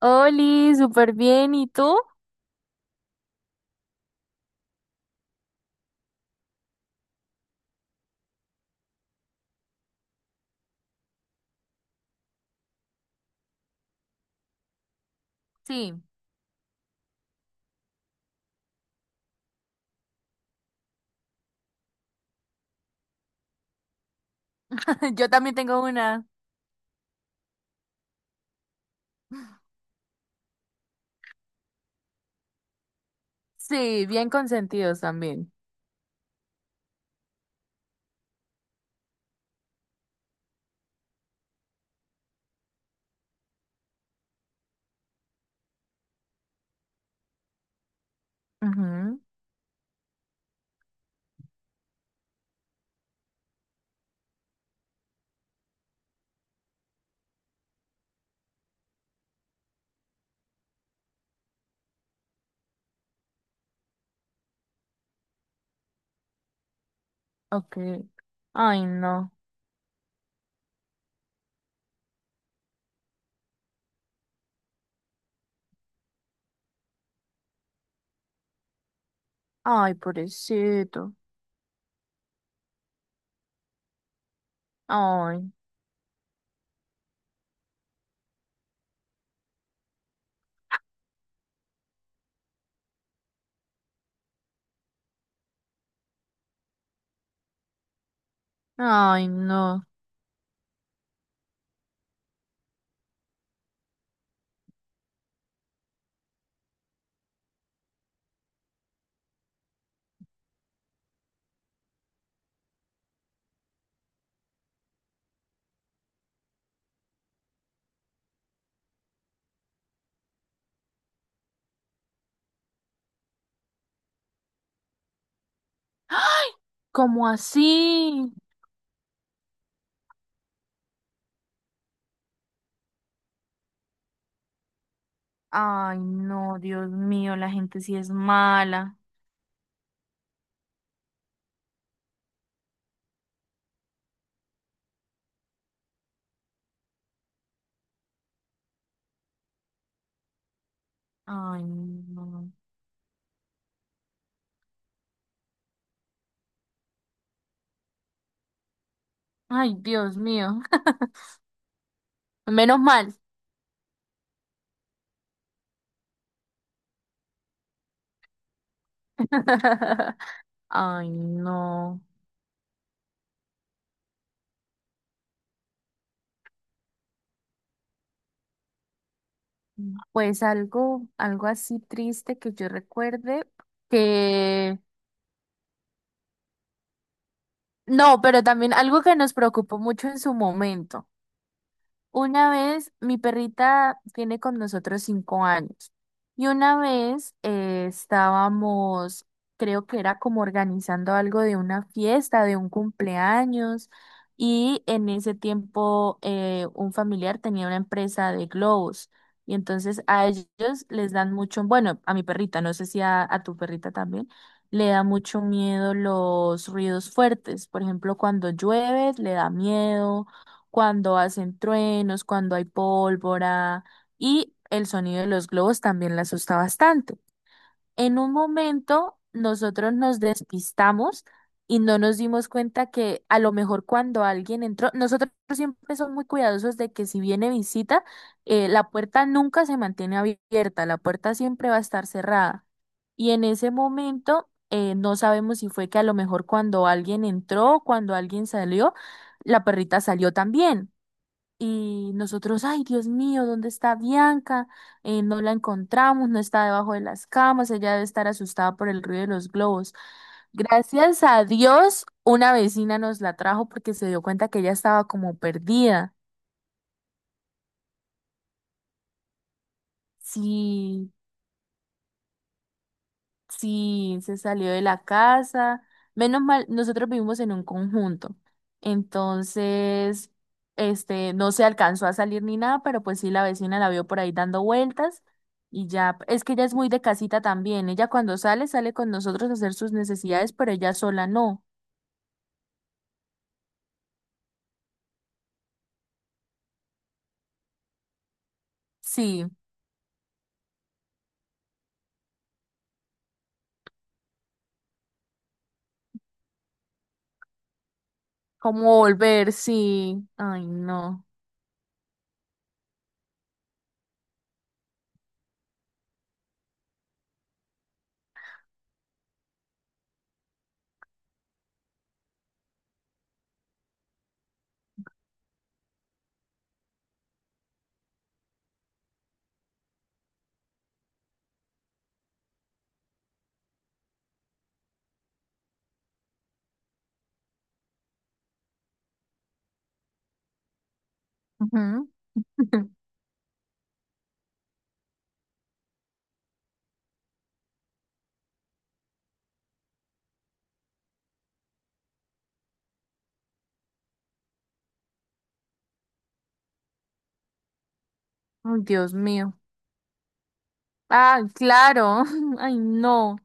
Oli, súper bien. ¿Y tú? Sí, yo también tengo una. Sí, bien consentidos también. Ujú. Ok. Ay, no. Ay, pobrecito. Ay, ay, no. ¡Ay! ¿Cómo así? Ay, no, Dios mío, la gente sí es mala. Ay, no. Ay, Dios mío. Menos mal. Ay, no. Mm. Pues algo así triste que yo recuerde que... No, pero también algo que nos preocupó mucho en su momento. Una vez, mi perrita tiene con nosotros 5 años y una vez estábamos, creo que era como organizando algo de una fiesta, de un cumpleaños y en ese tiempo un familiar tenía una empresa de globos y entonces a ellos les dan mucho, bueno, a mi perrita, no sé si a, a tu perrita también. Le da mucho miedo los ruidos fuertes. Por ejemplo, cuando llueve, le da miedo cuando hacen truenos, cuando hay pólvora y el sonido de los globos también la asusta bastante. En un momento nosotros nos despistamos y no nos dimos cuenta que a lo mejor cuando alguien entró, nosotros siempre somos muy cuidadosos de que si viene visita, la puerta nunca se mantiene abierta, la puerta siempre va a estar cerrada. Y en ese momento no sabemos si fue que a lo mejor cuando alguien entró, cuando alguien salió, la perrita salió también. Y nosotros, ay, Dios mío, ¿dónde está Bianca? No la encontramos, no está debajo de las camas, ella debe estar asustada por el ruido de los globos. Gracias a Dios, una vecina nos la trajo porque se dio cuenta que ella estaba como perdida. Sí. Sí, se salió de la casa. Menos mal, nosotros vivimos en un conjunto. Entonces, este, no se alcanzó a salir ni nada, pero pues sí, la vecina la vio por ahí dando vueltas y ya, es que ella es muy de casita también. Ella cuando sale, sale con nosotros a hacer sus necesidades, pero ella sola no. Sí, como volver, sí. Ay, no. Ujú. Ay, Dios mío. Ah, claro. Ay, no.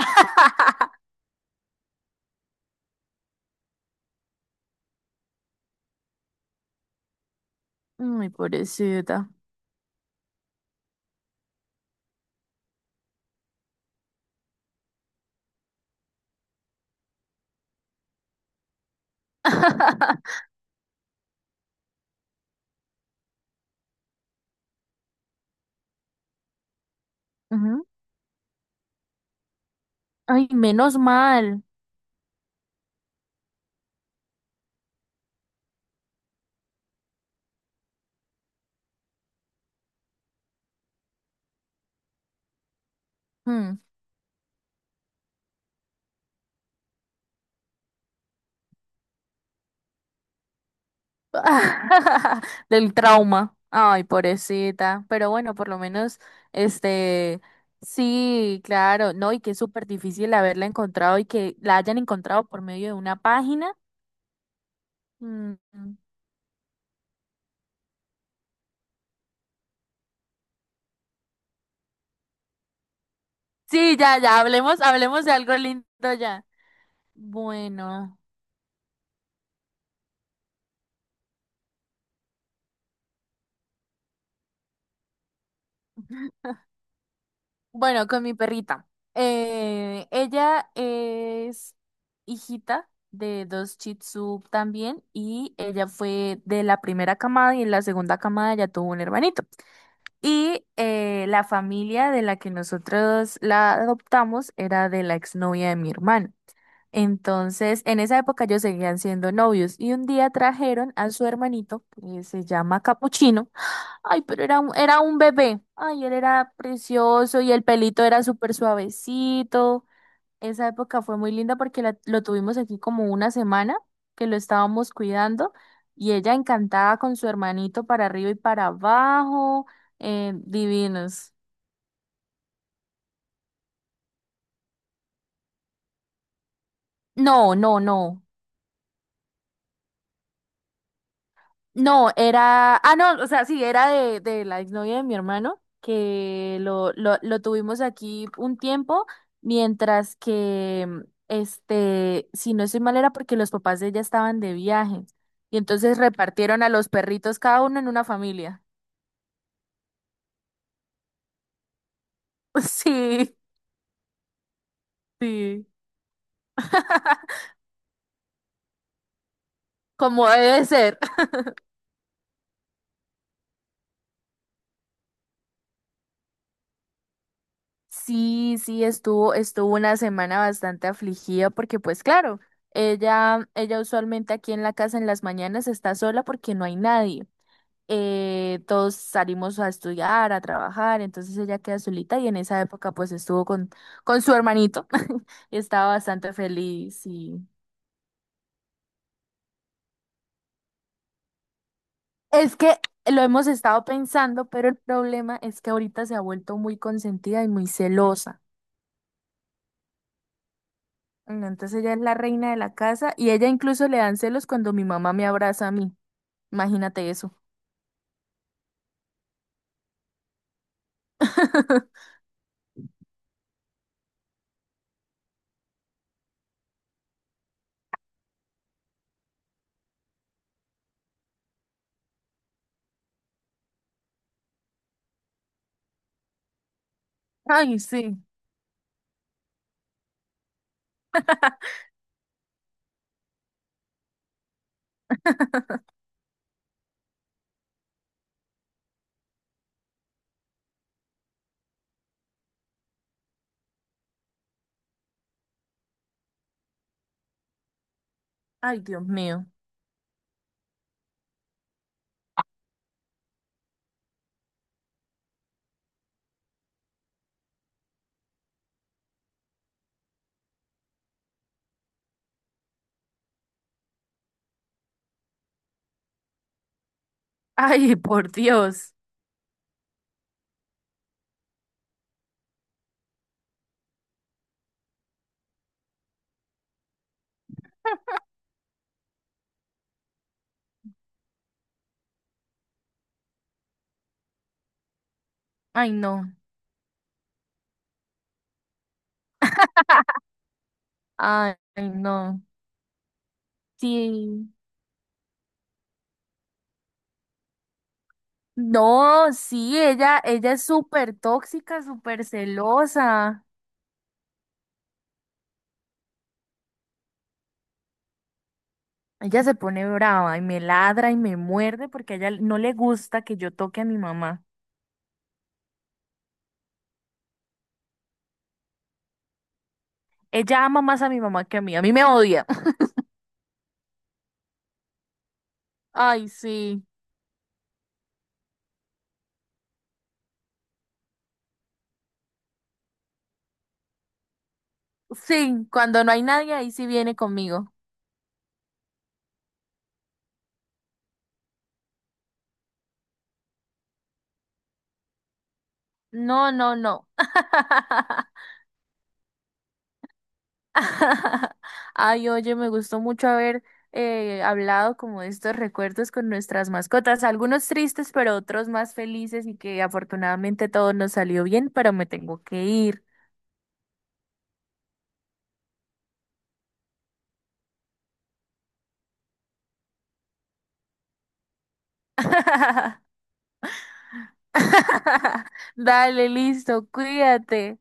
Ay, pobrecita. Ujú. Ay, menos mal. Mm. Del trauma. Ay, pobrecita. Pero bueno, por lo menos, este, sí, claro, no, y que es súper difícil haberla encontrado y que la hayan encontrado por medio de una página. Mm. Sí, ya, ya, hablemos, hablemos de algo lindo ya. Bueno. Bueno, con mi perrita. Ella es hijita de dos Shih Tzu también y ella fue de la primera camada y en la segunda camada ya tuvo un hermanito. Y la familia de la que nosotros la adoptamos era de la exnovia de mi hermano. Entonces, en esa época ellos seguían siendo novios y un día trajeron a su hermanito, que se llama Capuchino. Ay, pero era un bebé. Ay, él era precioso y el pelito era súper suavecito. Esa época fue muy linda porque lo tuvimos aquí como 1 semana que lo estábamos cuidando y ella encantada con su hermanito para arriba y para abajo. Divinos. No, no, no. No, era, ah, no, o sea, sí, era de la exnovia de mi hermano, que lo tuvimos aquí un tiempo, mientras que, este, si no estoy mal, era porque los papás de ella estaban de viaje, y entonces repartieron a los perritos cada uno en una familia. Sí, sí, como debe ser. Sí, sí, estuvo, estuvo 1 semana bastante afligida porque pues claro, ella usualmente aquí en la casa en las mañanas está sola porque no hay nadie. Todos salimos a estudiar, a trabajar, entonces ella queda solita y en esa época pues estuvo con su hermanito y estaba bastante feliz y es que lo hemos estado pensando, pero el problema es que ahorita se ha vuelto muy consentida y muy celosa. No, entonces ella es la reina de la casa y ella incluso le dan celos cuando mi mamá me abraza a mí. Imagínate eso. Ay, sí. Ay, Dios mío. Ay, por Dios. Ay, no. Ay, no. Sí. No, sí, ella es súper tóxica, súper celosa. Ella se pone brava y me ladra y me muerde porque a ella no le gusta que yo toque a mi mamá. Ella ama más a mi mamá que a mí. A mí me odia. Ay, sí. Sí, cuando no hay nadie, ahí sí viene conmigo. No, no, no. Ay, oye, me gustó mucho haber hablado como de estos recuerdos con nuestras mascotas, algunos tristes, pero otros más felices y que afortunadamente todo nos salió bien, pero me tengo que ir. Dale, listo, cuídate.